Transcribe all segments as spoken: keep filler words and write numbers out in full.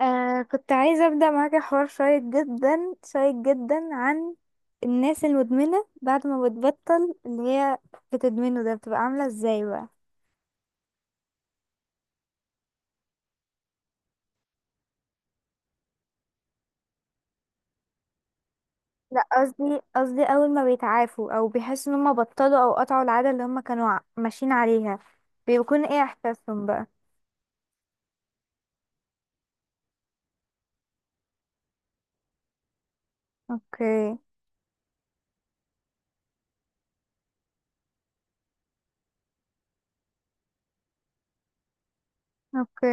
آه كنت عايزة أبدأ معاكي حوار شيق جدا شيق جدا عن الناس المدمنة بعد ما بتبطل اللي هي بتدمنه ده بتبقى عاملة ازاي بقى. لا قصدي قصدي أول ما بيتعافوا أو بيحسوا إن هما بطلوا أو قطعوا العادة اللي هما كانوا ع- ماشيين عليها، بيكون ايه إحساسهم بقى؟ اوكي. اوكي.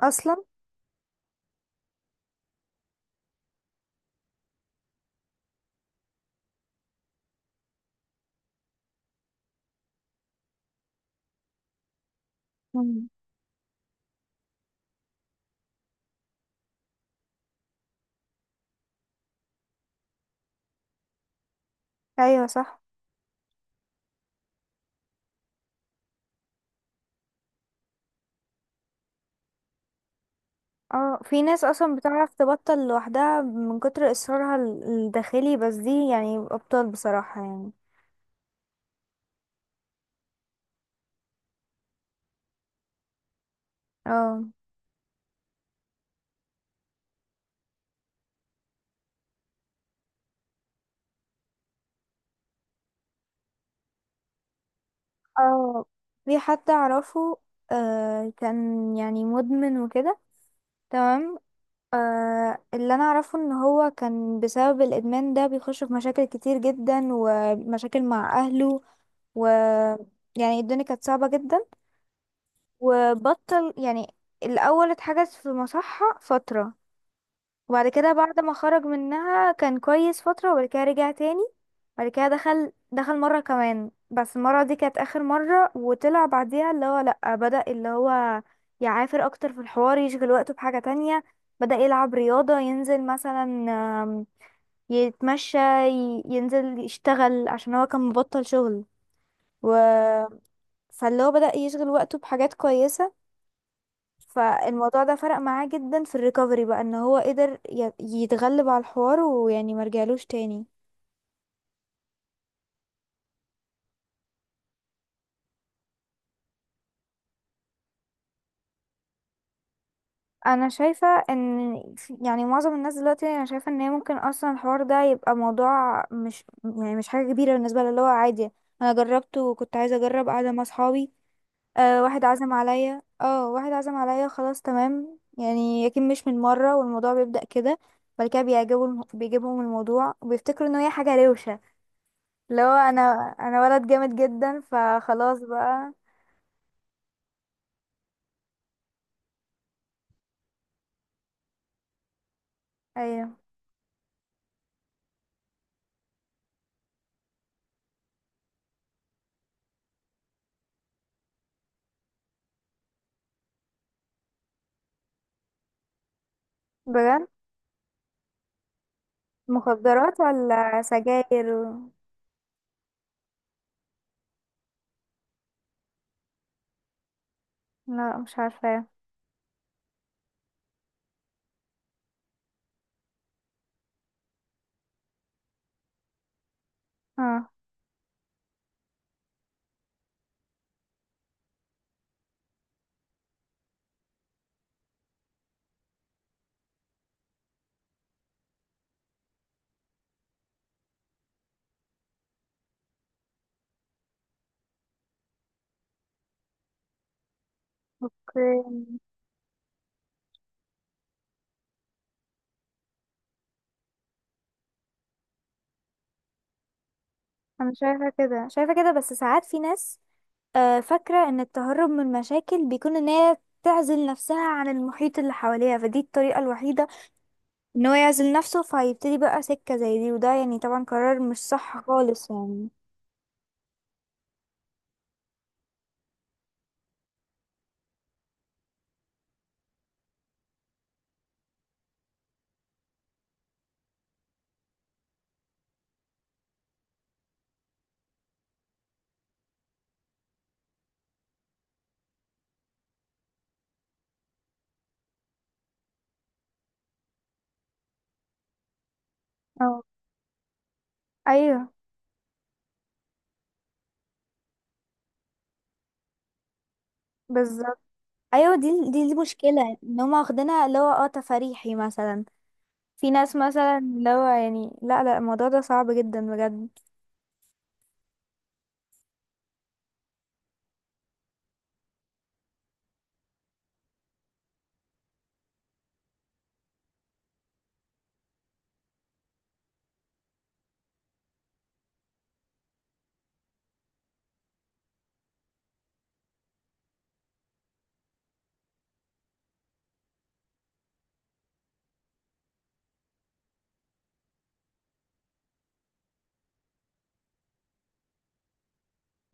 أصلا. مم. أيوة صح. اه في ناس أصلا بتعرف تبطل لوحدها من كتر إصرارها ال- الداخلي، بس دي يعني أبطال بصراحة يعني. اه. اه في حد اعرفه، آه كان يعني مدمن وكده. تمام. آه اللي انا اعرفه ان هو كان بسبب الادمان ده بيخش في مشاكل كتير جدا ومشاكل مع اهله و... يعني الدنيا كانت صعبة جدا، وبطل يعني. الاول اتحجز في مصحة فترة، وبعد كده بعد ما خرج منها كان كويس فترة، وبعد كده رجع تاني. بعد كده دخل دخل مرة كمان، بس المرة دي كانت آخر مرة، وطلع بعديها اللي هو لأ، بدأ اللي هو يعافر أكتر في الحوار، يشغل وقته بحاجة تانية. بدأ يلعب رياضة، ينزل مثلا آم، يتمشى، ي- ينزل يشتغل عشان هو كان مبطل شغل و... فاللي هو بدأ يشغل وقته بحاجات كويسة. فالموضوع ده فرق معاه جدا في الريكفري بقى، ان هو قدر ي- يتغلب على الحوار ويعني مرجعلوش تاني. انا شايفة ان في- يعني معظم الناس دلوقتي انا شايفة ان هي ممكن اصلا الحوار ده يبقى موضوع مش يعني مش حاجة كبيرة بالنسبة لها، اللي هو عادي. انا جربته وكنت عايزة اجرب قاعدة مع صحابي، آه واحد عزم عليا، اه واحد عزم عليا خلاص تمام يعني، يمكن مش من مرة والموضوع بيبدأ كده. بعد كده بيعجبوا الم- بيجيبهم الموضوع وبيفتكروا ان هي حاجة روشة. لو انا انا ولد جامد جدا فخلاص بقى. ايوه. بجد؟ مخدرات ولا سجاير و... لا مش عارفه. اه. اوكي. انا شايفه كده، شايفه كده، بس ساعات في ناس آه، فاكره ان التهرب من المشاكل بيكون ان هي تعزل نفسها عن المحيط اللي حواليها، فدي الطريقه الوحيده ان هو يعزل نفسه، فيبتدي بقى سكه زي دي، وده يعني طبعا قرار مش صح خالص يعني. اه. ايوه بالظبط. ايوه دي دي دي مشكله، ان هم واخدينها اللي هو اه تفريحي مثلا. في ناس مثلا اللي هو يعني لا لا الموضوع ده صعب جدا بجد.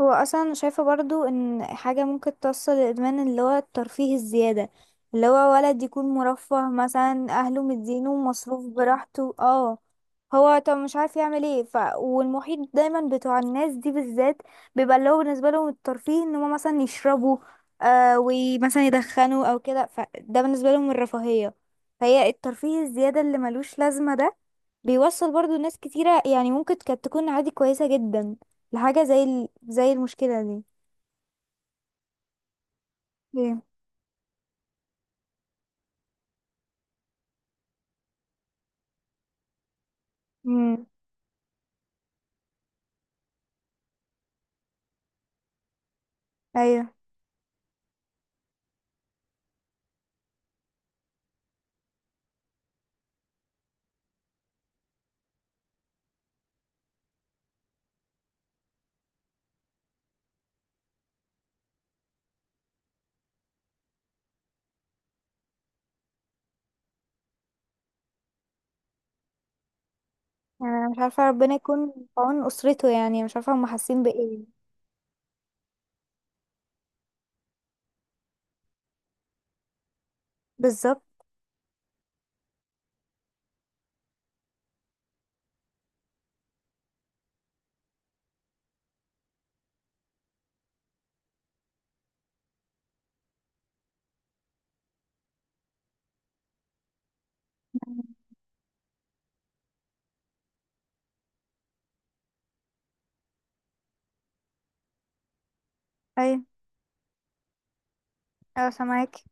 هو اصلا شايفه برضو ان حاجه ممكن توصل للادمان اللي هو الترفيه الزياده، اللي هو ولد يكون مرفه مثلا اهله مدينه مصروف براحته اه. هو طب مش عارف يعمل ايه ف... والمحيط دايما بتوع الناس دي بالذات بيبقى اللي هو بالنسبه لهم الترفيه ان هم مثلا يشربوا، آه ومثلا يدخنوا او كده، فده بالنسبه لهم الرفاهيه. فهي الترفيه الزياده اللي ملوش لازمه ده بيوصل برضو ناس كتيره، يعني ممكن كانت تكون عادي كويسه جدا لحاجه زي ال... زي المشكله دي. ايه؟ امم. ايوه يعني أنا مش عارفه، ربنا يكون في عون اسرته، يعني مش عارفه هم حاسين بايه. بالظبط. ايوه. ايوه سامعاكي.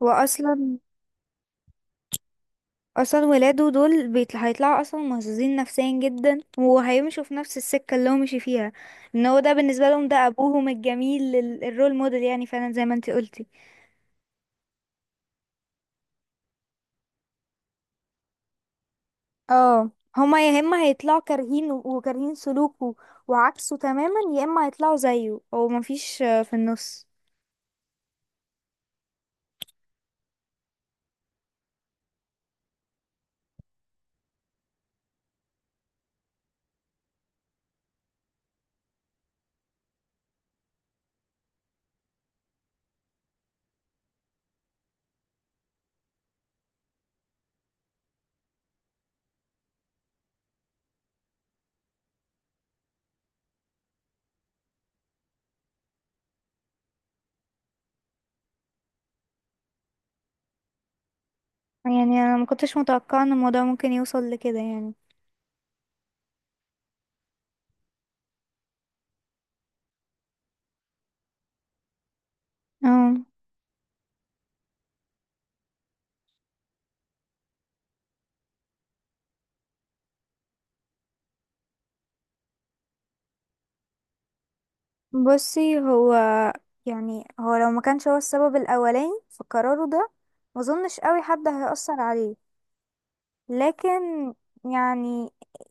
واصلا اصلا ولاده دول بيطل... هيطلعوا اصلا مهزوزين نفسيا جدا، وهيمشوا في نفس السكه اللي هو مشي فيها، ان هو ده بالنسبه لهم ده ابوهم الجميل ال- الرول موديل، يعني فعلا زي ما انت قلتي. اه. هما يا اما هيطلعوا كارهين وكارهين سلوكه وعكسه تماما، يا اما هيطلعوا زيه، او مفيش آه، في النص. يعني انا ما كنتش متوقعه ان الموضوع ممكن يوصل لكده يعني. اه. بصي هو يعني هو لو ما كانش هو السبب الاولاني في قراره ده، ما اظنش قوي حد هيأثر عليه. لكن يعني،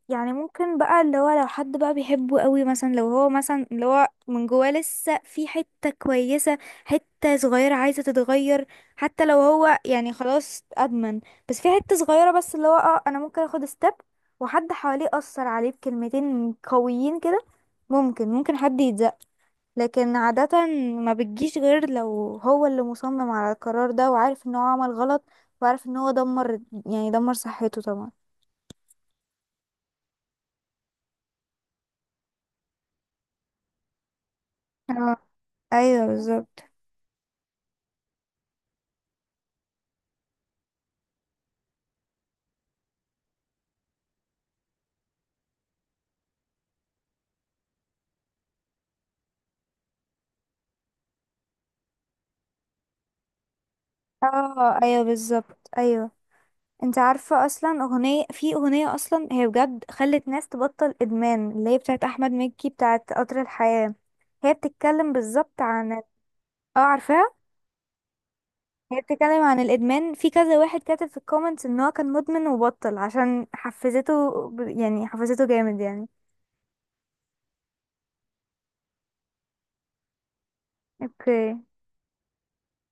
يعني ممكن بقى اللي هو لو حد بقى بيحبه قوي مثلا، لو هو مثلا اللي هو من جواه لسه في حتة كويسة، حتة صغيرة عايزة تتغير، حتى لو هو يعني خلاص ادمن، بس في حتة صغيرة بس اللي هو اه انا ممكن اخد ستيب، وحد حواليه اثر عليه بكلمتين قويين كده، ممكن ممكن حد يتزق. لكن عادة ما بتجيش غير لو هو اللي مصمم على القرار ده، وعارف ان هو عمل غلط، وعارف ان هو دمر، يعني دمر صحته طبعا. اه ايوه بالظبط. اه ايوه بالظبط ايوه. انت عارفه اصلا اغنيه، في اغنيه اصلا هي بجد خلت ناس تبطل ادمان، اللي هي بتاعت احمد مكي، بتاعت قطر الحياه. هي بتتكلم بالظبط عن اه... عارفاها؟ هي بتتكلم عن الادمان، في كذا واحد كاتب في الكومنتس ان هو كان مدمن وبطل عشان حفزته ب- يعني حفزته جامد يعني. اوكي.